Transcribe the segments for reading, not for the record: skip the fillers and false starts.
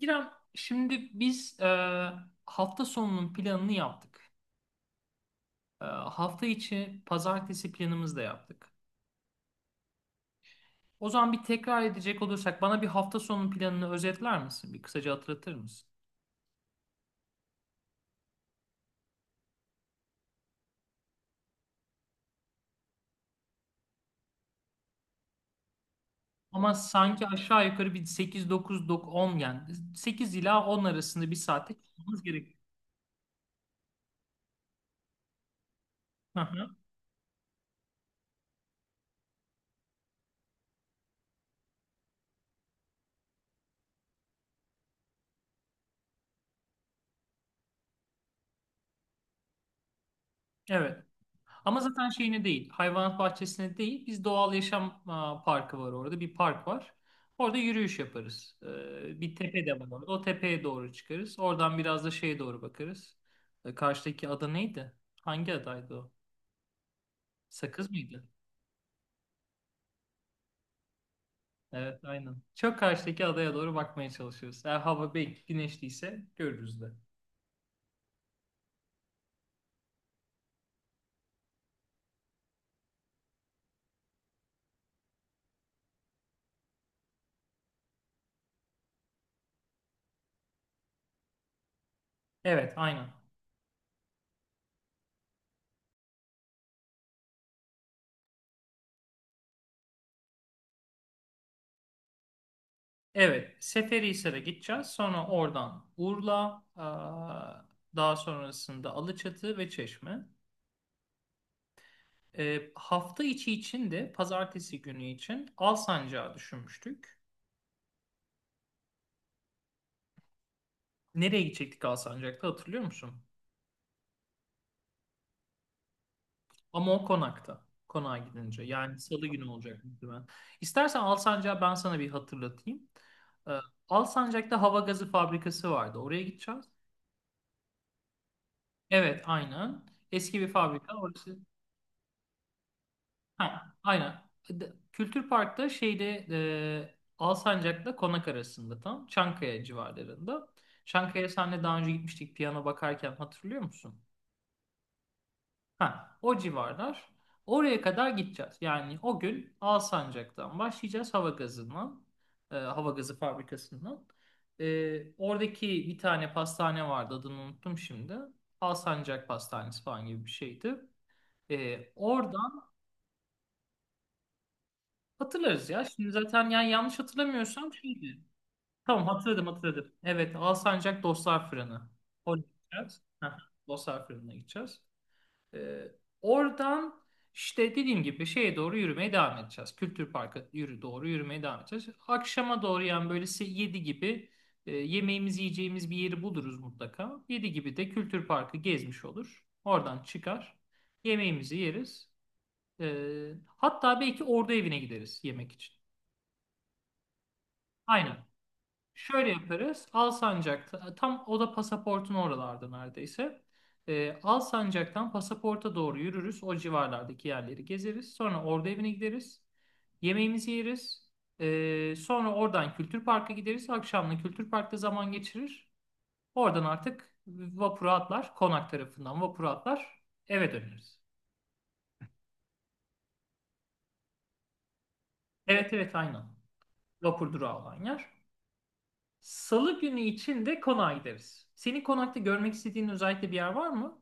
İrem, şimdi biz hafta sonunun planını yaptık. Hafta içi pazartesi planımızı da yaptık. O zaman bir tekrar edecek olursak bana bir hafta sonunun planını özetler misin? Bir kısaca hatırlatır mısın? Ama sanki aşağı yukarı bir 8, 9, 10 yani 8 ila 10 arasında bir saatte çıkmamız gerekiyor. Evet. Ama zaten şeyine değil, hayvanat bahçesine değil, biz doğal yaşam parkı var orada, bir park var. Orada yürüyüş yaparız. Bir tepe de var orada. O tepeye doğru çıkarız. Oradan biraz da şeye doğru bakarız. Karşıdaki ada neydi? Hangi adaydı o? Sakız mıydı? Evet, aynen. Çok karşıdaki adaya doğru bakmaya çalışıyoruz. Eğer hava belki güneşliyse görürüz de. Evet, aynen. Evet, Seferihisar'a gideceğiz. Sonra oradan Urla, daha sonrasında Alaçatı ve Çeşme. Hafta içi için de pazartesi günü için Alsancak'ı düşünmüştük. Nereye gidecektik Alsancak'ta hatırlıyor musun? Ama o konakta. Konağa gidince. Yani salı günü olacak muhtemelen. İstersen Alsancak'ı ben sana bir hatırlatayım. Ee, Alsancak'ta hava gazı fabrikası vardı. Oraya gideceğiz. Evet, aynen. Eski bir fabrika. Orası. Ha, aynen. Kültür Park'ta şeyde Alsancak'la Konak arasında tam Çankaya civarlarında. Çankaya senle daha önce gitmiştik piyano bakarken hatırlıyor musun? Ha, o civarlar. Oraya kadar gideceğiz. Yani o gün Alsancak'tan başlayacağız hava gazından, hava gazı fabrikasından. Oradaki bir tane pastane vardı adını unuttum şimdi. Alsancak Pastanesi falan gibi bir şeydi. Orada. Hatırlarız ya. Şimdi zaten yani yanlış hatırlamıyorsam şeydi. Tamam, hatırladım hatırladım. Evet, Alsancak Dostlar Fırını. Oraya gideceğiz. Heh, Dostlar Fırını'na gideceğiz. Ee, oradan işte dediğim gibi şeye doğru yürümeye devam edeceğiz. Kültür Park'a doğru yürümeye devam edeceğiz. Akşama doğru yani böyle 7 gibi yemeğimizi yiyeceğimiz bir yeri buluruz mutlaka. Yedi gibi de Kültür Park'ı gezmiş olur. Oradan çıkar. Yemeğimizi yeriz. Hatta belki orada evine gideriz yemek için. Aynen. Şöyle yaparız. Alsancak'ta tam o da pasaportun oralarda neredeyse. Alsancak'tan pasaporta doğru yürürüz. O civarlardaki yerleri gezeriz. Sonra orada evine gideriz. Yemeğimizi yeriz. Sonra oradan Kültür Park'a gideriz. Akşamla Kültür Park'ta zaman geçirir. Oradan artık vapura atlar. Konak tarafından vapura atlar. Eve döneriz. Evet, evet, aynen. Vapur durağı olan yer. Salı günü için de konağa gideriz. Senin konakta görmek istediğin özellikle bir yer var mı?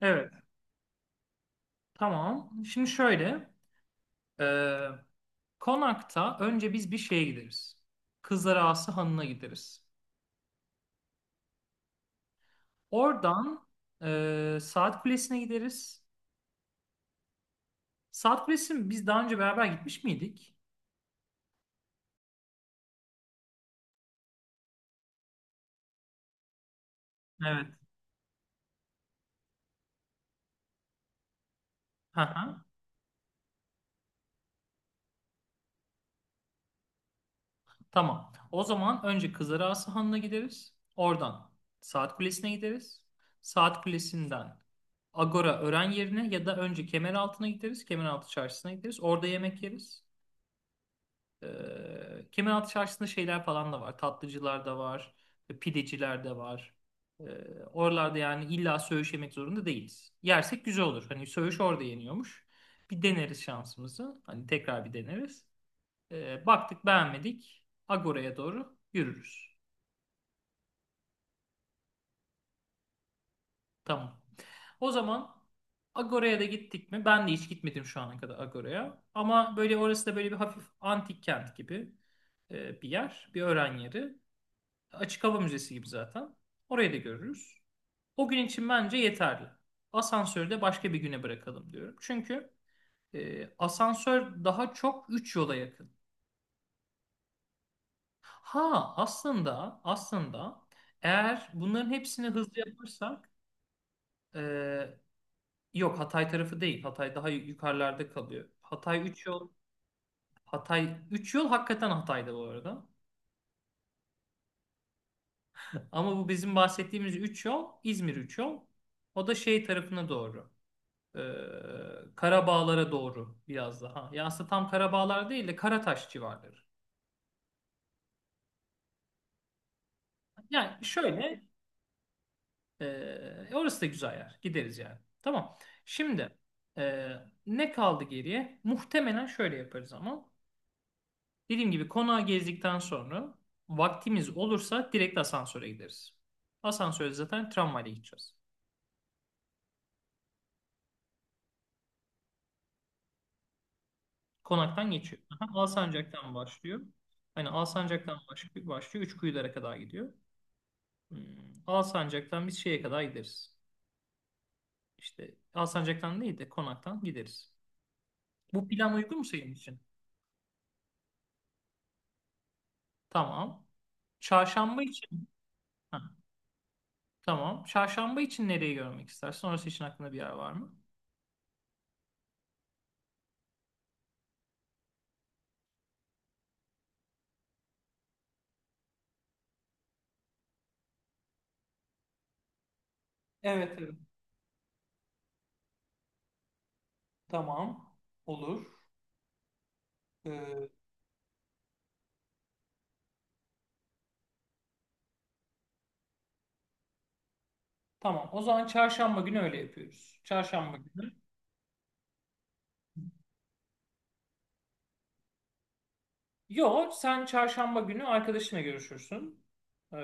Evet. Tamam. Şimdi şöyle. e, konakta önce biz bir şeye gideriz. Kızlar Ağası Hanı'na gideriz. Oradan Saat Kulesi'ne gideriz. Saat Kulesi'ne biz daha önce beraber gitmiş miydik? Evet. Hı hı. Tamam. O zaman önce Kızarası Hanı'na gideriz. Oradan Saat Kulesi'ne gideriz. Saat Kulesi'nden Agora Ören yerine ya da önce Kemeraltı'na gideriz. Kemeraltı Çarşısı'na gideriz. Orada yemek yeriz. Kemeraltı Çarşısı'nda şeyler falan da var. Tatlıcılar da var. Pideciler de var. Ee, oralarda yani illa söğüş yemek zorunda değiliz. Yersek güzel olur. Hani söğüş orada yeniyormuş. Bir deneriz şansımızı. Hani tekrar bir deneriz. Baktık beğenmedik. Agora'ya doğru yürürüz. Tamam. O zaman Agora'ya da gittik mi? Ben de hiç gitmedim şu ana kadar Agora'ya. Ama böyle orası da böyle bir hafif antik kent gibi bir yer. Bir öğren yeri. Açık hava müzesi gibi zaten. Orayı da görürüz. O gün için bence yeterli. Asansörü de başka bir güne bırakalım diyorum. Çünkü asansör daha çok 3 yola yakın. Ha, aslında eğer bunların hepsini hızlı yaparsak e, yok, Hatay tarafı değil. Hatay daha yukarılarda kalıyor. Hatay üç yol. Hatay üç yol hakikaten Hatay'da bu arada. Ama bu bizim bahsettiğimiz 3 yol İzmir 3 yol. O da şey tarafına doğru. E, Karabağlara doğru biraz daha. Ya aslında tam Karabağlar değil de Karataş civarları. Yani şöyle. Orası da güzel yer. Gideriz yani. Tamam. Şimdi e, ne kaldı geriye? Muhtemelen şöyle yaparız ama. Dediğim gibi konağı gezdikten sonra vaktimiz olursa direkt asansöre gideriz. Asansöre zaten tramvayla gideceğiz. Konaktan geçiyor. Aha, Alsancak'tan başlıyor. Hani Alsancak'tan başlıyor. Üçkuyulara kadar gidiyor. Hmm, Alsancak'tan biz şeye kadar gideriz. İşte Alsancak'tan değil de konaktan gideriz. Bu plan uygun mu senin için? Tamam. Çarşamba için. Ha, tamam. Çarşamba için nereyi görmek istersin? Orası için aklında bir yer var mı? Evet, evet. Tamam. Olur. Ee, tamam. O zaman çarşamba günü öyle yapıyoruz. Çarşamba günü. Yo, sen çarşamba günü arkadaşına görüşürsün. Ee,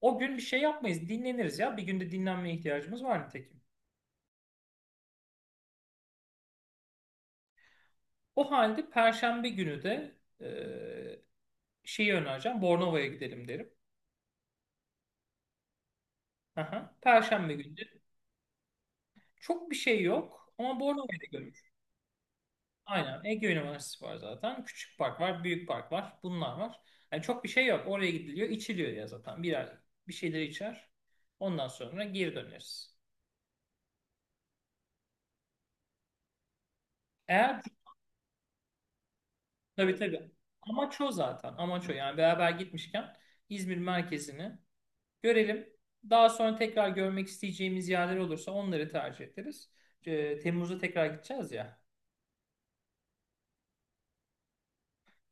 o gün bir şey yapmayız. Dinleniriz ya. Bir günde dinlenmeye ihtiyacımız var nitekim. O halde perşembe günü de şeyi önereceğim. Bornova'ya gidelim derim. Aha. Perşembe günü de. Çok bir şey yok ama Bornova'yı da görür. Aynen. Ege Üniversitesi var zaten. Küçük park var, büyük park var. Bunlar var. Yani çok bir şey yok. Oraya gidiliyor, içiliyor ya zaten. Birer bir şeyleri içer. Ondan sonra geri döneriz. Eğer tabii, tabii. Amaç o zaten. Amaç o. Yani beraber gitmişken İzmir merkezini görelim. Daha sonra tekrar görmek isteyeceğimiz yerler olursa onları tercih ederiz. Temmuz'da tekrar gideceğiz ya.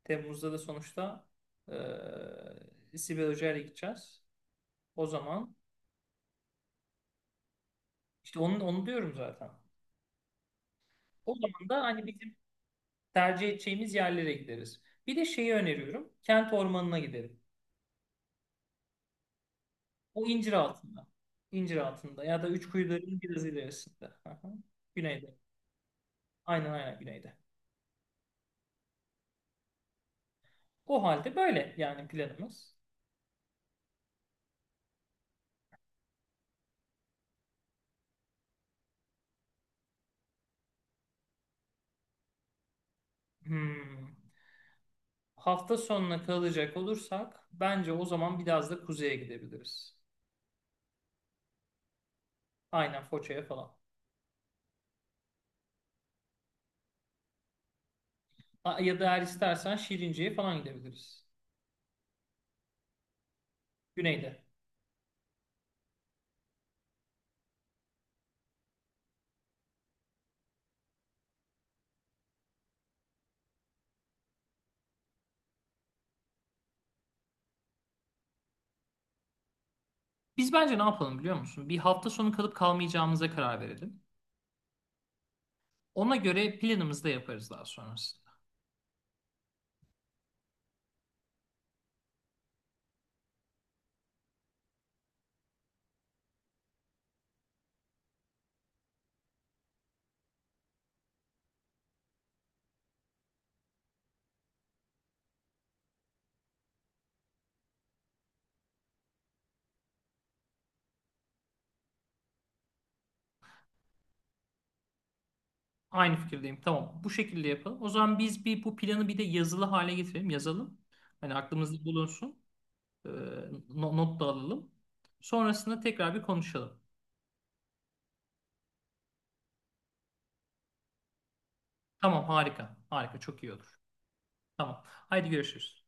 Temmuz'da da sonuçta Sibel Hoca'yla gideceğiz. O zaman işte onu diyorum zaten. O zaman da hani bizim tercih edeceğimiz yerlere gideriz. Bir de şeyi öneriyorum. Kent ormanına gidelim. O incir altında. İncir altında ya da üç kuyuların biraz ilerisinde. Aha. Güneyde. Aynen aynen güneyde. O halde böyle yani planımız. Hmm. Hafta sonuna kalacak olursak bence o zaman biraz da kuzeye gidebiliriz. Aynen Foça'ya falan. Ya da eğer istersen Şirince'ye falan gidebiliriz. Güneyde. Biz bence ne yapalım biliyor musun? Bir hafta sonu kalıp kalmayacağımıza karar verelim. Ona göre planımızı da yaparız daha sonrasında. Aynı fikirdeyim. Tamam. Bu şekilde yapalım. O zaman biz bir bu planı bir de yazılı hale getirelim. Yazalım. Hani aklımızda bulunsun. Ee, not da alalım. Sonrasında tekrar bir konuşalım. Tamam, harika. Harika, çok iyi olur. Tamam. Haydi görüşürüz.